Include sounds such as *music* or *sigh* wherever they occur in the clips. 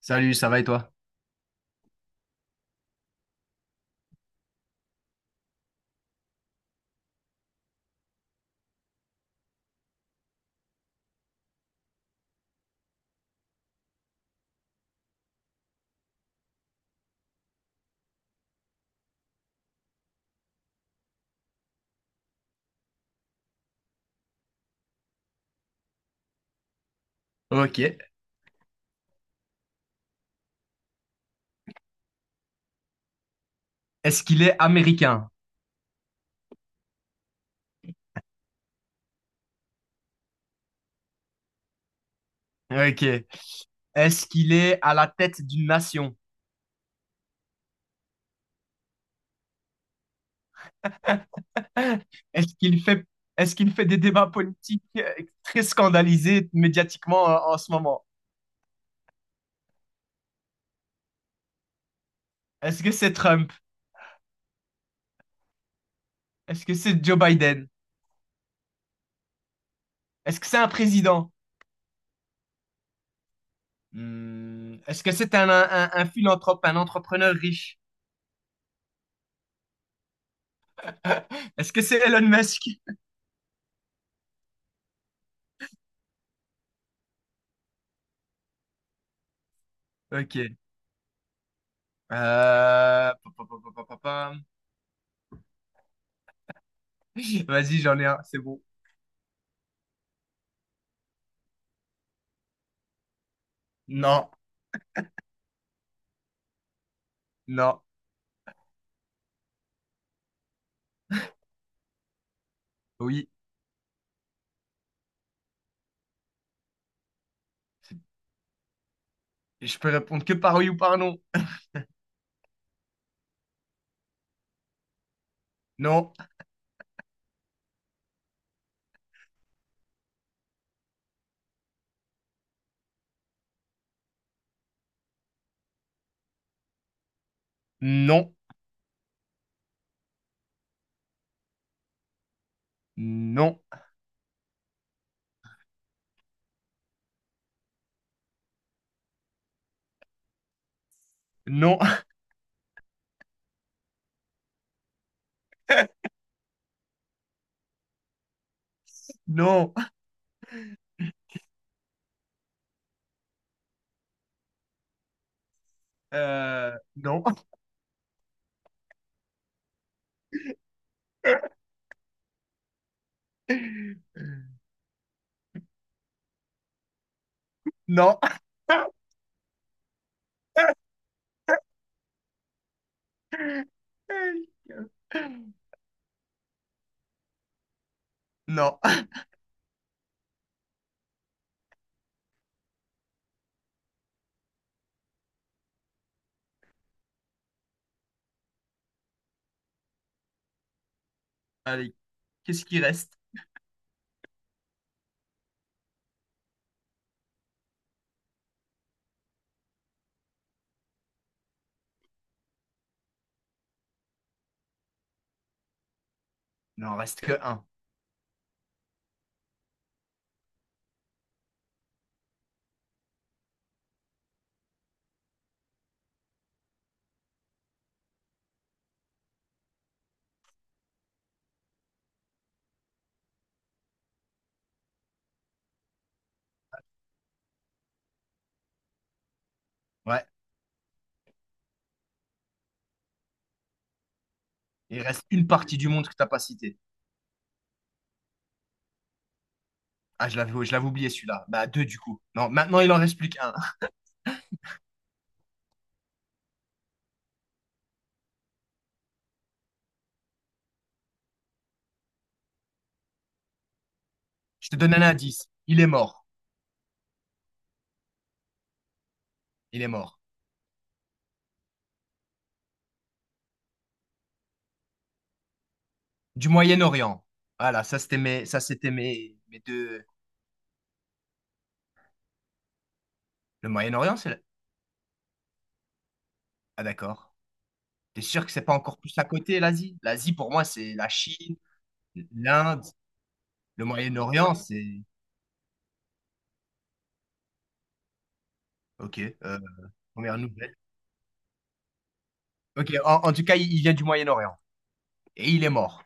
Salut, ça va et toi? Ok. Est-ce qu'il est américain? Ok. Est-ce qu'il est à la tête d'une nation? *laughs* Est-ce qu'il fait, est-ce qu'il fait des débats politiques très scandalisés médiatiquement en ce moment? Est-ce que c'est Trump? Est-ce que c'est Joe Biden? Est-ce que c'est un président? Hmm, est-ce que c'est un philanthrope, un entrepreneur riche? Est-ce que c'est Elon Musk? Ok. Pa, pa, pa, pa, pa, pa, pa. Vas-y, j'en ai un, c'est bon. Non, non, oui. Et je peux répondre que par oui ou par non. Non, non, non, non, *laughs* non, non, *laughs* non, *laughs* non. Allez, qu'est-ce qui reste? Non, il reste que un. Ouais, il reste une partie du monde que t'as pas cité. Ah, je l'avais oublié celui-là. Bah, deux du coup. Non, maintenant il en reste plus qu'un. Je te donne un indice. Il est mort. Il est mort. Du Moyen-Orient. Voilà, mes deux. Le Moyen-Orient, c'est. Le- Ah d'accord. T'es sûr que c'est pas encore plus à côté, l'Asie? L'Asie, pour moi, c'est la Chine, l'Inde, le Moyen-Orient, c'est... Ok, première nouvelle. Ok, en tout cas, il vient du Moyen-Orient. Et il est mort.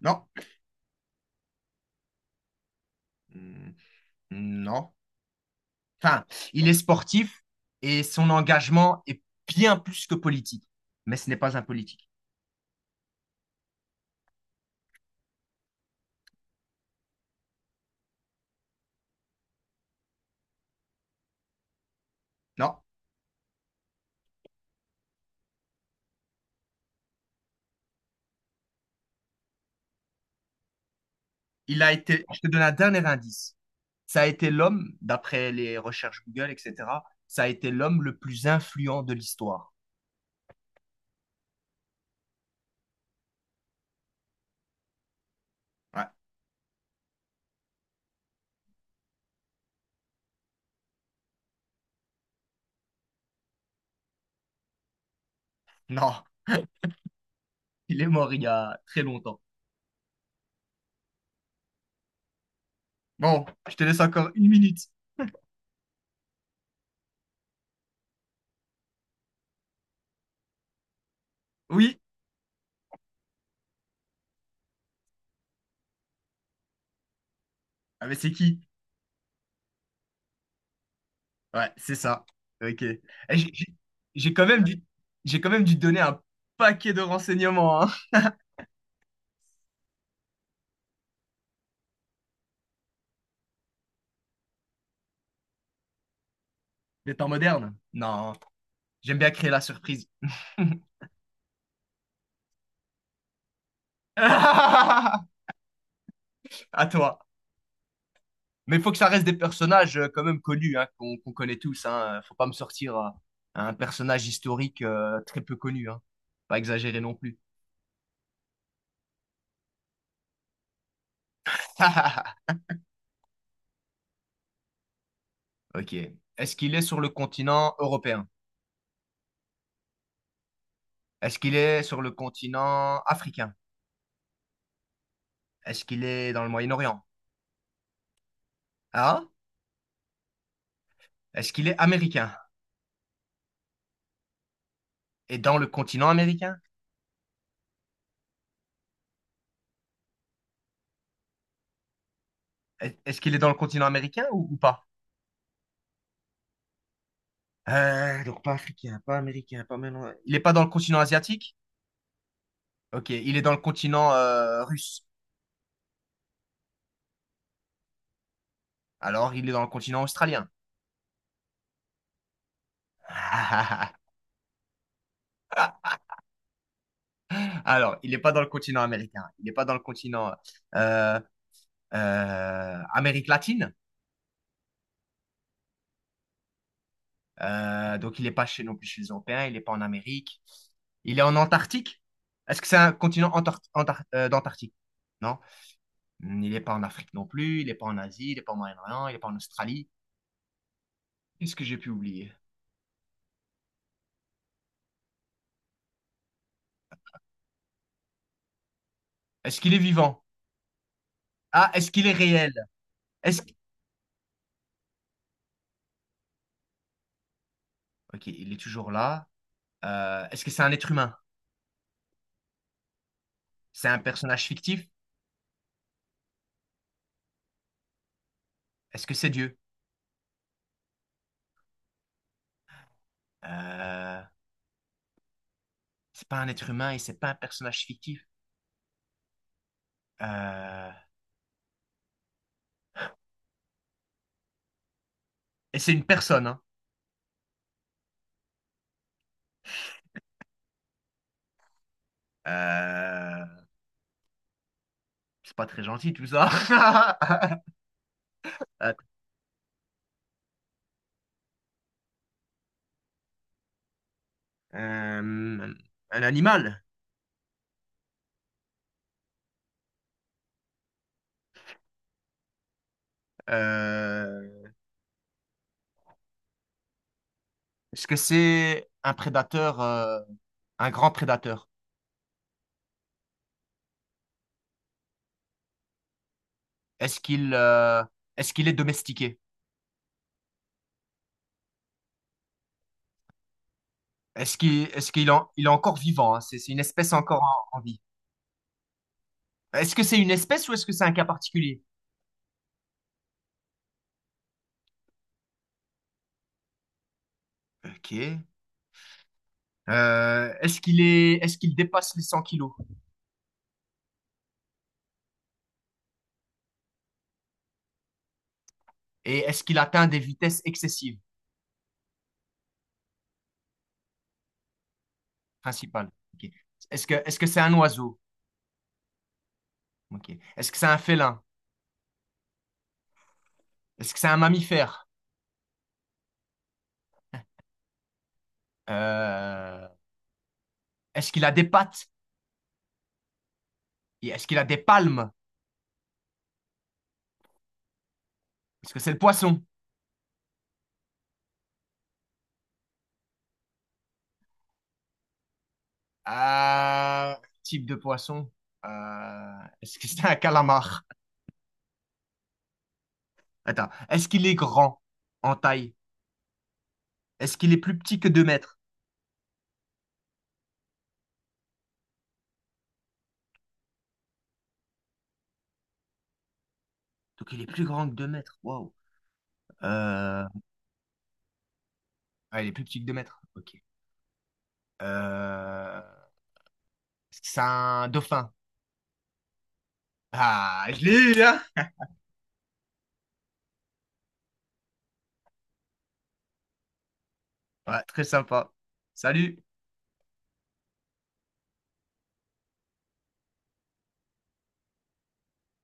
Non. Hmm, non. Enfin, il est sportif et son engagement est bien plus que politique. Mais ce n'est pas un politique. Non. Il a été... Je te donne un dernier indice. Ça a été l'homme, d'après les recherches Google, etc., ça a été l'homme le plus influent de l'histoire. Ouais. Non. Il est mort il y a très longtemps. Bon, je te laisse encore une minute. Oui? Ah, mais c'est qui? Ouais, c'est ça. Ok. Eh, J'ai j'ai- j'ai quand même dû, j'ai quand même dû te donner un paquet de renseignements, hein. Des temps modernes? Non. J'aime bien créer la surprise. *laughs* À toi. Mais il faut que ça reste des personnages quand même connus, hein, qu'on connaît tous, hein. Faut pas me sortir un personnage historique très peu connu, hein. Pas exagéré non plus. *laughs* Ok. Est-ce qu'il est sur le continent européen? Est-ce qu'il est sur le continent africain? Est-ce qu'il est dans le Moyen-Orient? Ah? Est-ce qu'il est américain? Et dans le continent américain? Est-ce qu'il est dans le continent américain ou pas? Donc pas africain, pas américain, pas maintenant. Il n'est pas dans le continent asiatique? Ok, il est dans le continent russe. Alors, il est dans le continent australien. *laughs* Alors, il n'est pas dans le continent américain. Il n'est pas dans le continent euh, Amérique latine. Donc, il n'est pas chez, non plus chez les Européens, il n'est pas en Amérique. Il est en Antarctique. Est-ce que c'est un continent d'Antarctique? Non. Il n'est pas en Afrique non plus, il n'est pas en Asie, il n'est pas au Moyen-Orient, il n'est pas en Australie. Qu'est-ce que j'ai pu oublier? Est-ce qu'il est vivant? Ah, est-ce qu'il est réel? Est-ce... qu'- Ok, il est toujours là. Est-ce que c'est un être humain? C'est un personnage fictif? Est-ce que c'est Dieu? Euh, c'est pas un être humain et c'est pas un personnage fictif. Euh, et c'est une personne, hein. Euh, c'est pas très gentil tout ça. *laughs* Euh, un animal. Euh, est-ce que c'est un prédateur, un grand prédateur? Est-ce qu'il euh, est-ce qu'il est domestiqué? Il est encore vivant? Hein, c'est une espèce encore en vie. Est-ce que c'est une espèce ou est-ce que c'est un cas particulier? Ok. Est-ce qu'il dépasse les 100 kilos? Et est-ce qu'il atteint des vitesses excessives principales? Ok. Est-ce que c'est un oiseau? Ok. Est-ce que c'est un félin? Est-ce que c'est un mammifère? Euh, Est-ce qu'il a des pattes? Et est-ce qu'il a des palmes? Est-ce que c'est le poisson? Euh, Type de poisson. Est-ce que c'est un calamar? Attends. Est-ce qu'il est grand en taille? Est-ce qu'il est plus petit que 2 mètres? Donc il est plus grand que 2 mètres. Waouh. Euh, ah, il est plus petit que 2 mètres. Ok. Euh, est-ce que c'est un dauphin? Ah, je l'ai eu, hein? Ouais, très sympa. Salut.